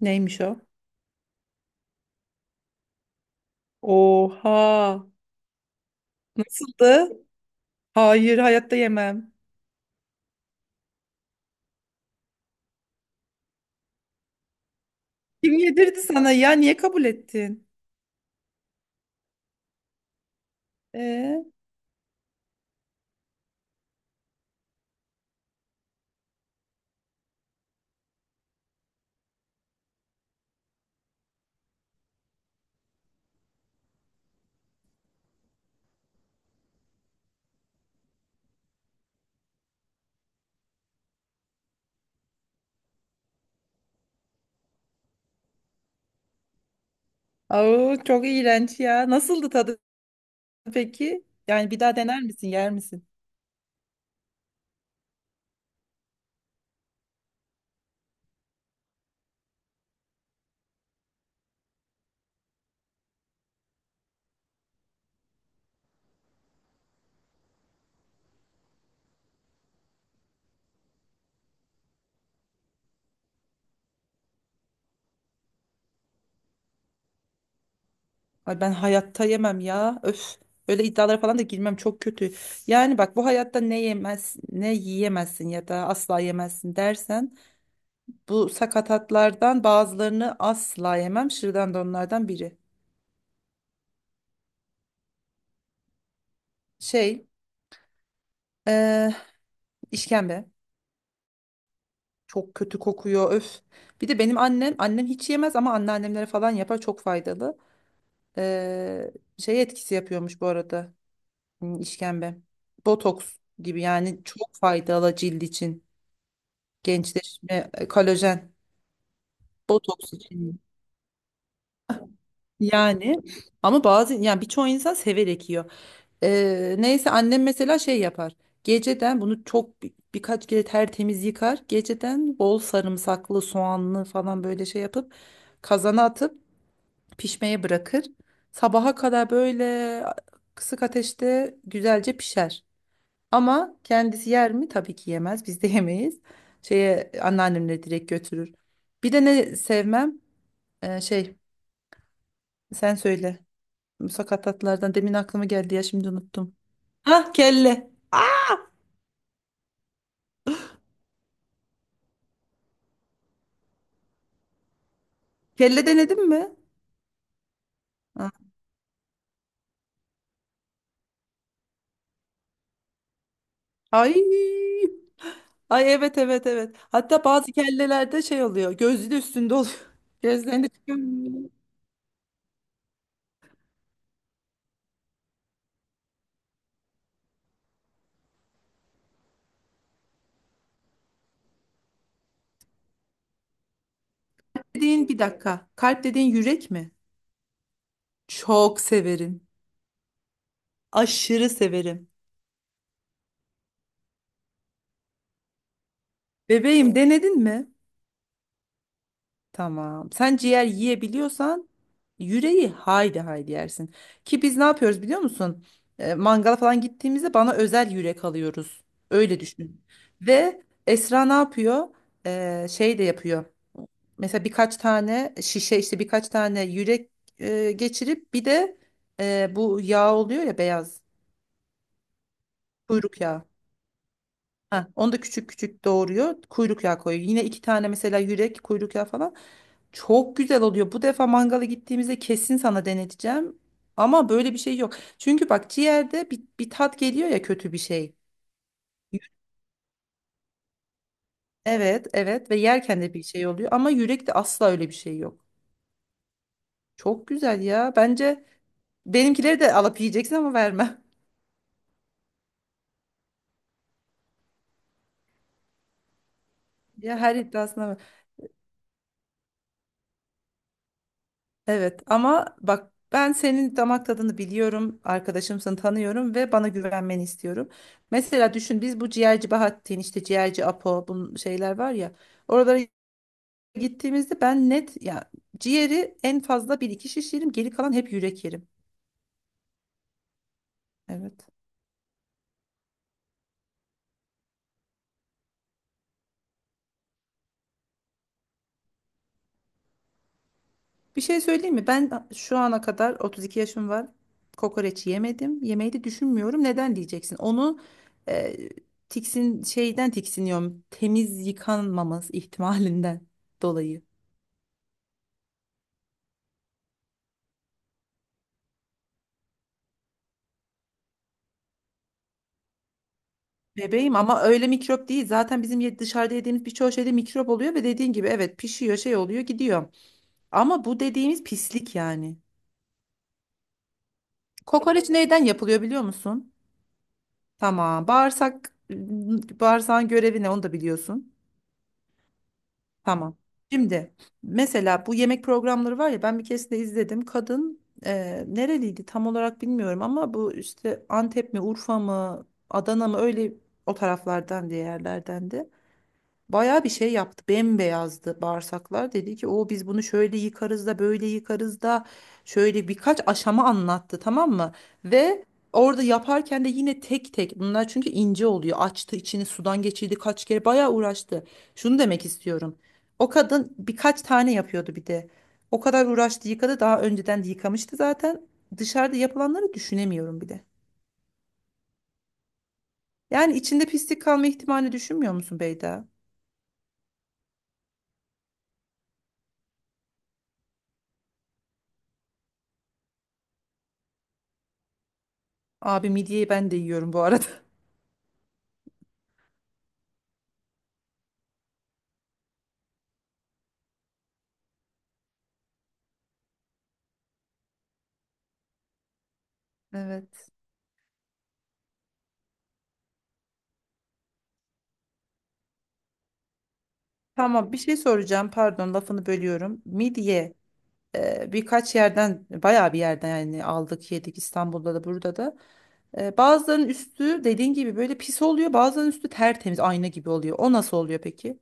Neymiş o? Oha. Nasıldı? Hayır, hayatta yemem. Kim yedirdi sana ya? Niye kabul ettin? Ee, au, çok iğrenç ya. Nasıldı tadı peki? Yani bir daha dener misin, yer misin? Ay ben hayatta yemem ya. Öf. Öyle iddialara falan da girmem çok kötü. Yani bak bu hayatta ne yemez, ne yiyemezsin ya da asla yemezsin dersen bu sakatatlardan bazılarını asla yemem. Şırdan da onlardan biri. Şey, eee işkembe. Çok kötü kokuyor öf. Bir de benim annem hiç yemez ama anneannemlere falan yapar çok faydalı. Ee, şey etkisi yapıyormuş bu arada işkembe. Botoks gibi yani çok faydalı cilt için. Gençleşme, kolajen, botoks için. Yani ama bazı yani birçok insan severek yiyor. Neyse annem mesela şey yapar. Geceden bunu birkaç kere tertemiz yıkar. Geceden bol sarımsaklı, soğanlı falan böyle şey yapıp kazana atıp pişmeye bırakır. Sabaha kadar böyle kısık ateşte güzelce pişer. Ama kendisi yer mi? Tabii ki yemez. Biz de yemeyiz. Şeye anneannemle direkt götürür. Bir de ne sevmem? Ee, şey sen söyle. Musakkatatlardan demin aklıma geldi ya şimdi unuttum. Hah, kelle. Ah, kelle denedin mi? Ha. Ay. Ay, evet, evet, evet. Hatta bazı kellelerde şey oluyor, gözü de üstünde oluyor. Gözlerinde çıkıyor. Dediğin bir dakika. Kalp dediğin yürek mi? Çok severim. Aşırı severim. Bebeğim denedin mi? Tamam. Sen ciğer yiyebiliyorsan yüreği haydi haydi yersin. Ki biz ne yapıyoruz biliyor musun? Mangala falan gittiğimizde bana özel yürek alıyoruz. Öyle düşün. Ve Esra ne yapıyor? Şey de yapıyor. Mesela birkaç tane şişe işte birkaç tane yürek geçirip bir de bu yağ oluyor ya, beyaz kuyruk yağı. Ha, onu da küçük küçük doğruyor. Kuyruk yağı koyuyor. Yine iki tane mesela yürek, kuyruk yağı falan. Çok güzel oluyor. Bu defa mangala gittiğimizde kesin sana deneteceğim. Ama böyle bir şey yok. Çünkü bak ciğerde bir tat geliyor ya, kötü bir şey. Yü- Evet, evet, ve yerken de bir şey oluyor ama yürekte asla öyle bir şey yok. Çok güzel ya. Bence benimkileri de alıp yiyeceksin ama verme. Ya her iddiasına. Evet, ama bak ben senin damak tadını biliyorum, arkadaşımsın, tanıyorum ve bana güvenmeni istiyorum. Mesela düşün, biz bu ciğerci Bahattin, işte ciğerci Apo, bu şeyler var ya, oralara gittiğimizde ben net ya, ciğeri en fazla bir iki şiş yerim, geri kalan hep yürek yerim. Evet. Bir şey söyleyeyim mi? Ben şu ana kadar 32 yaşım var. Kokoreç yemedim. Yemeyi de düşünmüyorum. Neden diyeceksin? Onu e, tiksin şeyden tiksiniyorum. Temiz yıkanmaması ihtimalinden dolayı. Bebeğim, ama öyle mikrop değil. Zaten bizim dışarıda yediğimiz birçok şeyde mikrop oluyor ve dediğin gibi evet, pişiyor, şey oluyor, gidiyor. Ama bu dediğimiz pislik yani. Kokoreç neyden yapılıyor biliyor musun? Tamam. Bağırsak bağırsağın görevi ne onu da biliyorsun. Tamam. Şimdi mesela bu yemek programları var ya, ben bir keresinde izledim. Kadın nereliydi tam olarak bilmiyorum ama bu işte Antep mi, Urfa mı, Adana mı, öyle o taraflardan diye yerlerdendi. Bayağı bir şey yaptı. Bembeyazdı bağırsaklar. Dedi ki o, biz bunu şöyle yıkarız da böyle yıkarız da, şöyle birkaç aşama anlattı, tamam mı? Ve orada yaparken de yine tek tek, bunlar çünkü ince oluyor. Açtı içini, sudan geçirdi kaç kere, bayağı uğraştı. Şunu demek istiyorum. O kadın birkaç tane yapıyordu bir de. O kadar uğraştı, yıkadı, daha önceden de yıkamıştı zaten. Dışarıda yapılanları düşünemiyorum bir de. Yani içinde pislik kalma ihtimalini düşünmüyor musun Beyda? Abi, midyeyi ben de yiyorum bu arada. Evet. Tamam, bir şey soracağım. Pardon, lafını bölüyorum. Midye birkaç yerden, bayağı bir yerden yani, aldık yedik, İstanbul'da da, burada da. Bazılarının üstü dediğin gibi böyle pis oluyor. Bazılarının üstü tertemiz ayna gibi oluyor. O nasıl oluyor peki?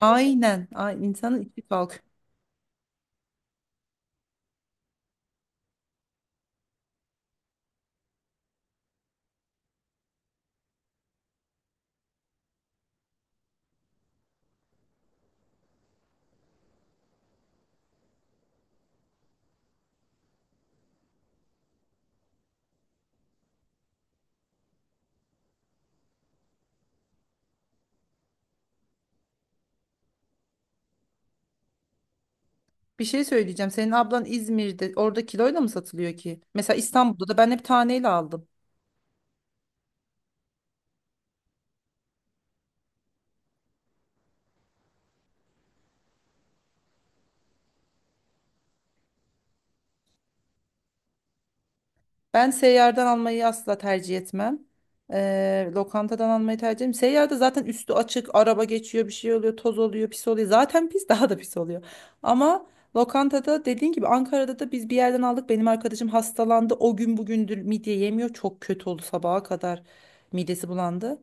Aynen. Ay, insanın içi kalk. Bir şey söyleyeceğim. Senin ablan İzmir'de, orada kiloyla mı satılıyor ki? Mesela İstanbul'da da ben hep taneyle aldım. Ben seyyardan almayı asla tercih etmem. Lokantadan almayı tercih ederim. Seyyarda zaten üstü açık, araba geçiyor, bir şey oluyor, toz oluyor, pis oluyor. Zaten pis daha da pis oluyor. Ama lokantada dediğin gibi, Ankara'da da biz bir yerden aldık. Benim arkadaşım hastalandı. O gün bugündür midye yemiyor. Çok kötü oldu sabaha kadar. Midesi bulandı.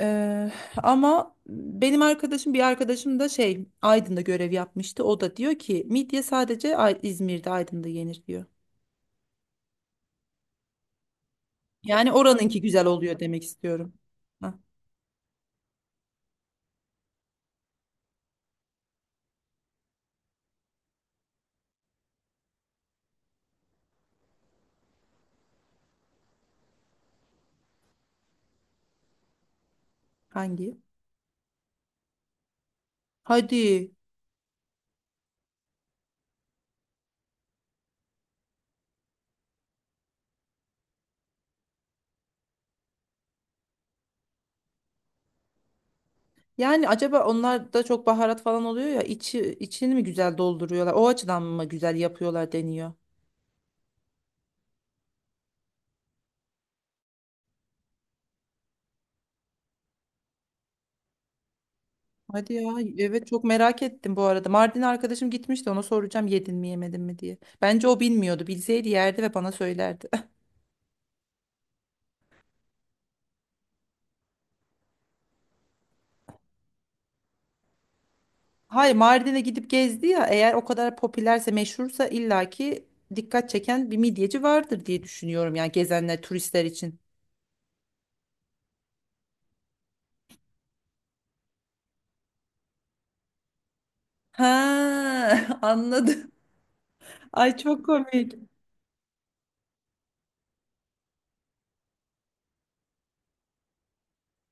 Eee, ama benim arkadaşım, bir arkadaşım da Aydın'da görev yapmıştı. O da diyor ki midye sadece İzmir'de, Aydın'da yenir diyor. Yani oranınki güzel oluyor demek istiyorum. Hah. Hangi? Hadi. Yani acaba onlar da çok baharat falan oluyor ya, içi içini mi güzel dolduruyorlar? O açıdan mı güzel yapıyorlar deniyor? Hadi ya, evet, çok merak ettim bu arada. Mardin arkadaşım gitmişti, ona soracağım yedin mi yemedin mi diye. Bence o bilmiyordu. Bilseydi yerdi ve bana söylerdi. Hayır, Mardin'e gidip gezdi ya, eğer o kadar popülerse, meşhursa, illaki dikkat çeken bir midyeci vardır diye düşünüyorum, yani gezenler turistler için. Ha, anladım. Ay çok komik.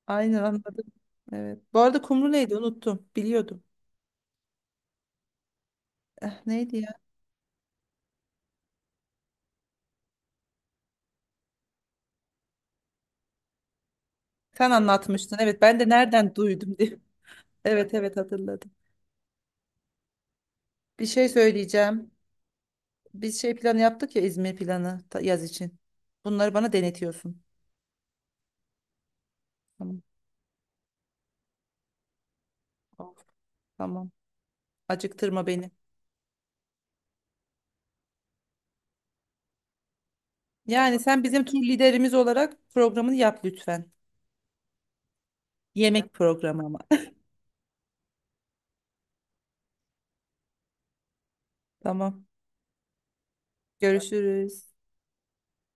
Aynen, anladım. Evet. Bu arada kumru neydi unuttum. Biliyordum. Eh, neydi ya? Sen anlatmıştın. Evet, ben de nereden duydum diye. Evet, evet, hatırladım. Bir şey söyleyeceğim. Biz şey planı yaptık ya, İzmir planı, yaz için. Bunları bana denetiyorsun. Tamam. Of, tamam. Acıktırma beni. Yani sen bizim tur liderimiz olarak programını yap lütfen. Yemek programı ama. Tamam. Görüşürüz.